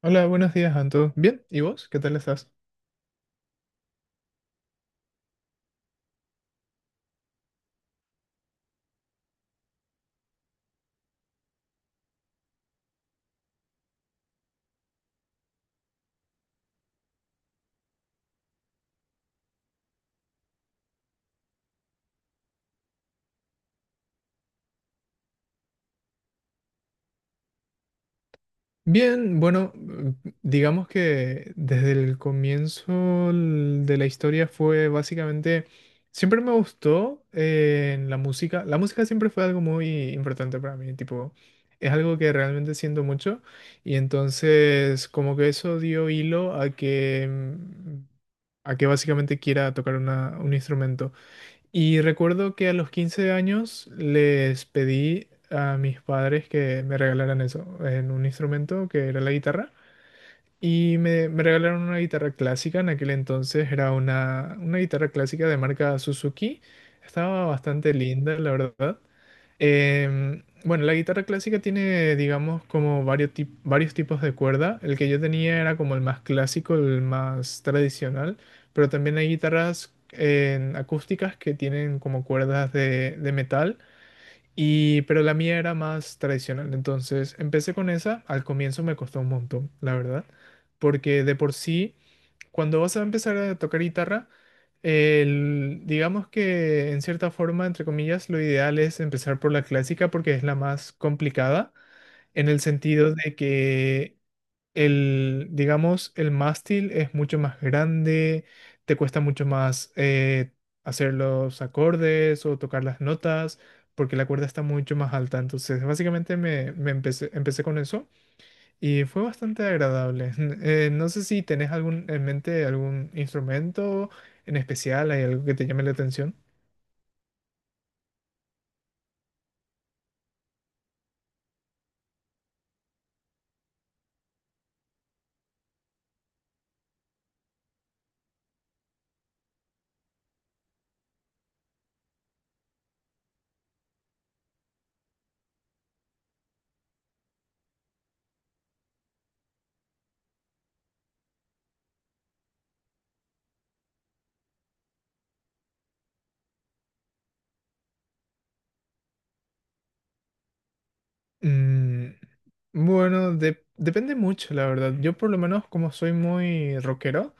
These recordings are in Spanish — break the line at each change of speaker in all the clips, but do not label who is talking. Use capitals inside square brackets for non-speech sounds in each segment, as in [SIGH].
Hola, buenos días, Anto. Bien, ¿y vos? ¿Qué tal estás? Bien, bueno, mm, digamos que desde el comienzo de la historia fue básicamente, siempre me gustó en la música. La música siempre fue algo muy importante para mí, tipo, es algo que realmente siento mucho y entonces como que eso dio hilo a que, mm, a que básicamente quiera tocar un instrumento. Y recuerdo que a los 15 años les pedí a mis padres que me regalaran eso, en un instrumento que era la guitarra. Y me regalaron una guitarra clásica, en aquel entonces era una guitarra clásica de marca Suzuki, estaba bastante linda, la verdad. Bueno, la guitarra clásica tiene, digamos, como varios, varios tipos de cuerda. El que yo tenía era como el más clásico, el más tradicional, pero también hay guitarras en acústicas que tienen como cuerdas de metal y, pero la mía era más tradicional, entonces empecé con esa. Al comienzo me costó un montón, la verdad, porque de por sí, cuando vas a empezar a tocar guitarra, digamos que en cierta forma, entre comillas, lo ideal es empezar por la clásica porque es la más complicada, en el sentido de que el, digamos, el mástil es mucho más grande, te cuesta mucho más hacer los acordes o tocar las notas, porque la cuerda está mucho más alta. Entonces, básicamente me empecé, empecé con eso y fue bastante agradable. [LAUGHS] No sé si tenés algún, en mente algún instrumento en especial, hay algo que te llame la atención. Mm, bueno, depende mucho, la verdad. Yo por lo menos como soy muy rockero,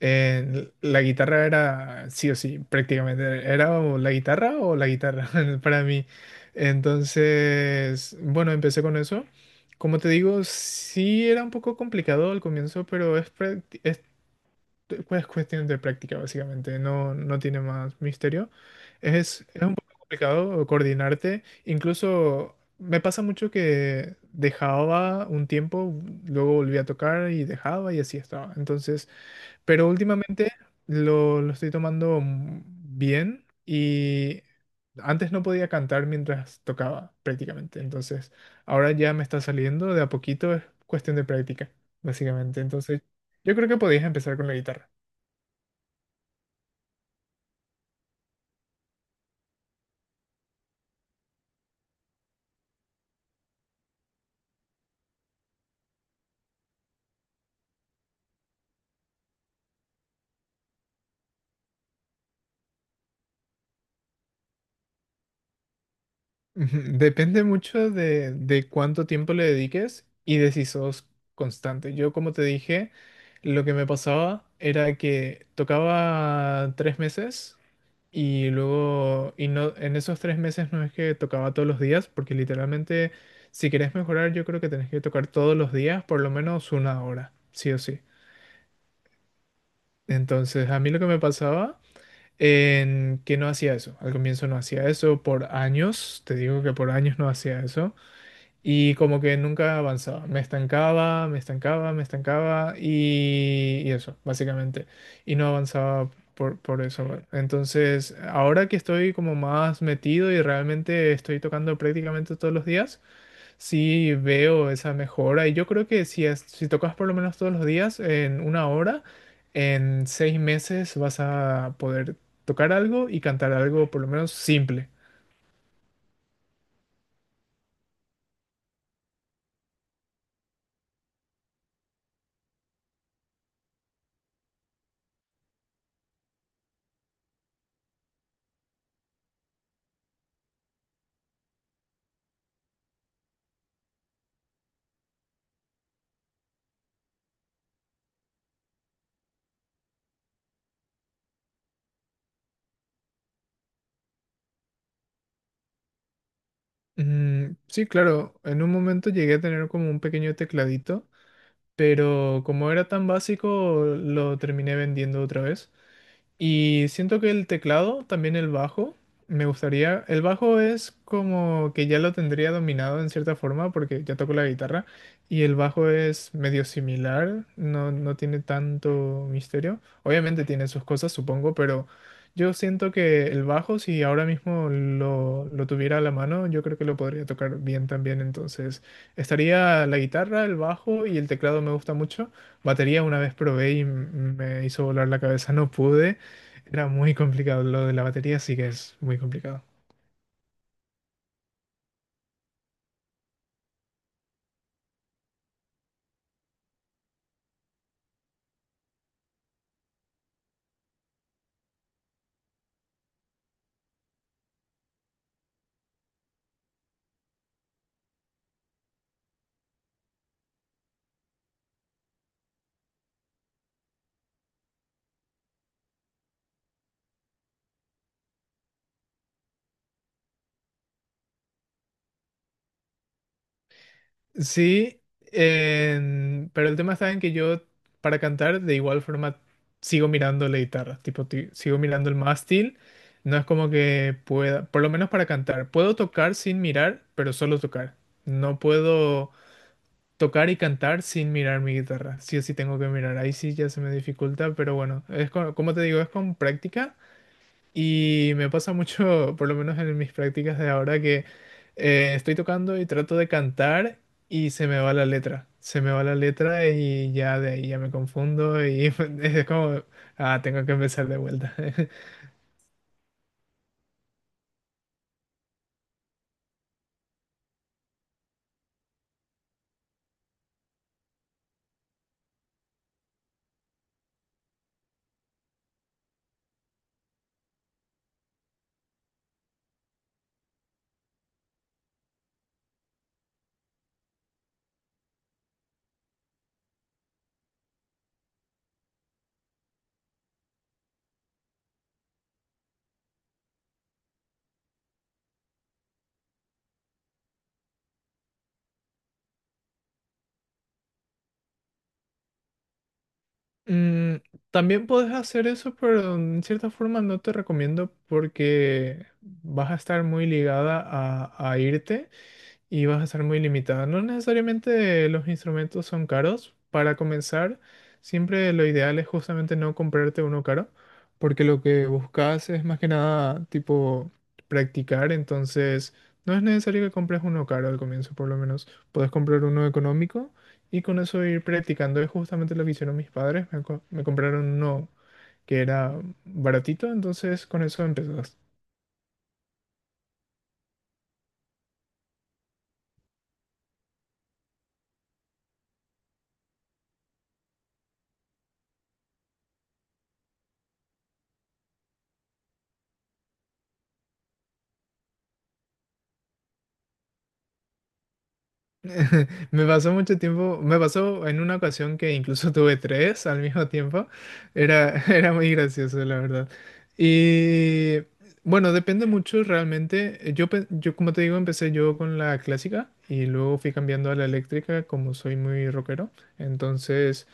La guitarra era sí o sí, prácticamente. Era o la guitarra [LAUGHS] para mí. Entonces, bueno, empecé con eso. Como te digo, sí era un poco complicado al comienzo, pero es cuestión de práctica, básicamente. No, no tiene más misterio. Es un poco complicado coordinarte. Incluso me pasa mucho que dejaba un tiempo, luego volvía a tocar y dejaba y así estaba. Entonces... Pero últimamente lo estoy tomando mm, bien y antes no podía cantar mientras tocaba prácticamente. Entonces, ahora ya me está saliendo de a poquito, es cuestión de práctica, básicamente. Entonces, yo creo que podías empezar con la guitarra. Ujú, depende mucho de cuánto tiempo le dediques y de si sos constante. Yo, como te dije, lo que me pasaba era que tocaba 3 meses y luego, y no, en esos 3 meses no es que tocaba todos los días, porque literalmente, si querés mejorar, yo creo que tenés que tocar todos los días por lo menos una hora, sí o sí. Entonces, a mí lo que me pasaba en que no hacía eso. Al comienzo no hacía eso por años, te digo que por años no hacía eso. Y como que nunca avanzaba, me estancaba y eso, básicamente. Y no avanzaba por eso. Bueno. Entonces, ahora que estoy como más metido y realmente estoy tocando prácticamente todos los días, sí veo esa mejora. Y yo creo que si, si tocas por lo menos todos los días, en una hora, en 6 meses vas a poder tocar algo y cantar algo por lo menos simple. Mm, sí, claro, en un momento llegué a tener como un pequeño tecladito, pero como era tan básico, lo terminé vendiendo otra vez. Y siento que el teclado, también el bajo, me gustaría. El bajo es como que ya lo tendría dominado en cierta forma porque ya toco la guitarra y el bajo es medio similar, no, no tiene tanto misterio. Obviamente tiene sus cosas, supongo, pero yo siento que el bajo, si ahora mismo lo tuviera a la mano, yo creo que lo podría tocar bien también. Entonces, estaría la guitarra, el bajo y el teclado me gusta mucho. Batería una vez probé y me hizo volar la cabeza, no pude. Era muy complicado lo de la batería, sí que es muy complicado. Sí, pero el tema está en que yo para cantar de igual forma sigo mirando la guitarra, sigo mirando el mástil, no es como que pueda, por lo menos para cantar, puedo tocar sin mirar, pero solo tocar. No puedo tocar y cantar sin mirar mi guitarra, sí o sí tengo que mirar, ahí sí ya se me dificulta, pero bueno, como te digo, es con práctica. Y me pasa mucho, por lo menos en mis prácticas de ahora, que estoy tocando y trato de cantar y se me va la letra. Se me va la letra y ya de ahí ya me confundo y [LAUGHS] es como, ah, tengo que empezar de vuelta. [LAUGHS] Mm, también puedes hacer eso, pero en cierta forma no te recomiendo porque vas a estar muy ligada a irte. Y vas a estar muy limitada. No necesariamente los instrumentos son caros. Para comenzar, siempre lo ideal es justamente no comprarte uno caro, porque lo que buscas es más que nada tipo practicar, entonces no es necesario que compres uno caro al comienzo, por lo menos. Puedes comprar uno económico y con eso ir practicando. Es justamente lo que hicieron mis padres, me compraron uno que era baratito, entonces con eso empezas. [LAUGHS] Me pasó mucho tiempo, me pasó en una ocasión que incluso [LAUGHS] tuve tres al mismo tiempo. Era, [LAUGHS] era muy gracioso, la verdad. Y bueno, depende mucho realmente. Yo, como te digo, empecé yo con la clásica y luego fui cambiando a la eléctrica como soy muy rockero. Entonces...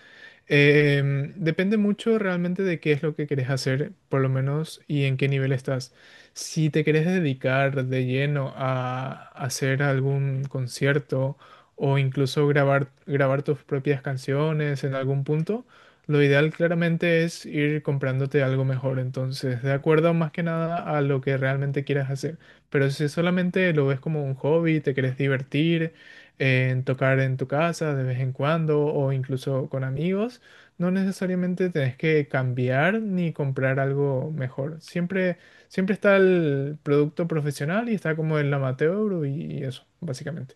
Depende mucho realmente de qué es lo que querés hacer, por lo menos, y en qué nivel estás. Si te querés dedicar de lleno a hacer algún concierto o incluso grabar, grabar tus propias canciones en algún punto, lo ideal claramente es ir comprándote algo mejor. Entonces, de acuerdo más que nada a lo que realmente quieras hacer. Pero si solamente lo ves como un hobby, te querés divertir en tocar en tu casa de vez en cuando o incluso con amigos, no necesariamente tenés que cambiar ni comprar algo mejor. Siempre, siempre está el producto profesional y está como el amateur y eso, básicamente.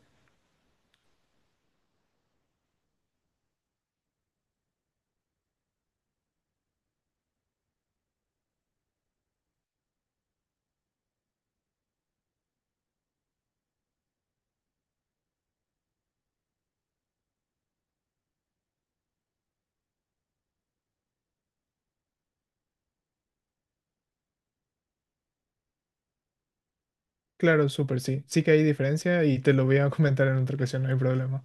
Claro, súper sí. Sí que hay diferencia y te lo voy a [LAUGHS] comentar en otra ocasión, no hay problema.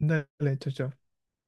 Dale, chao, chao.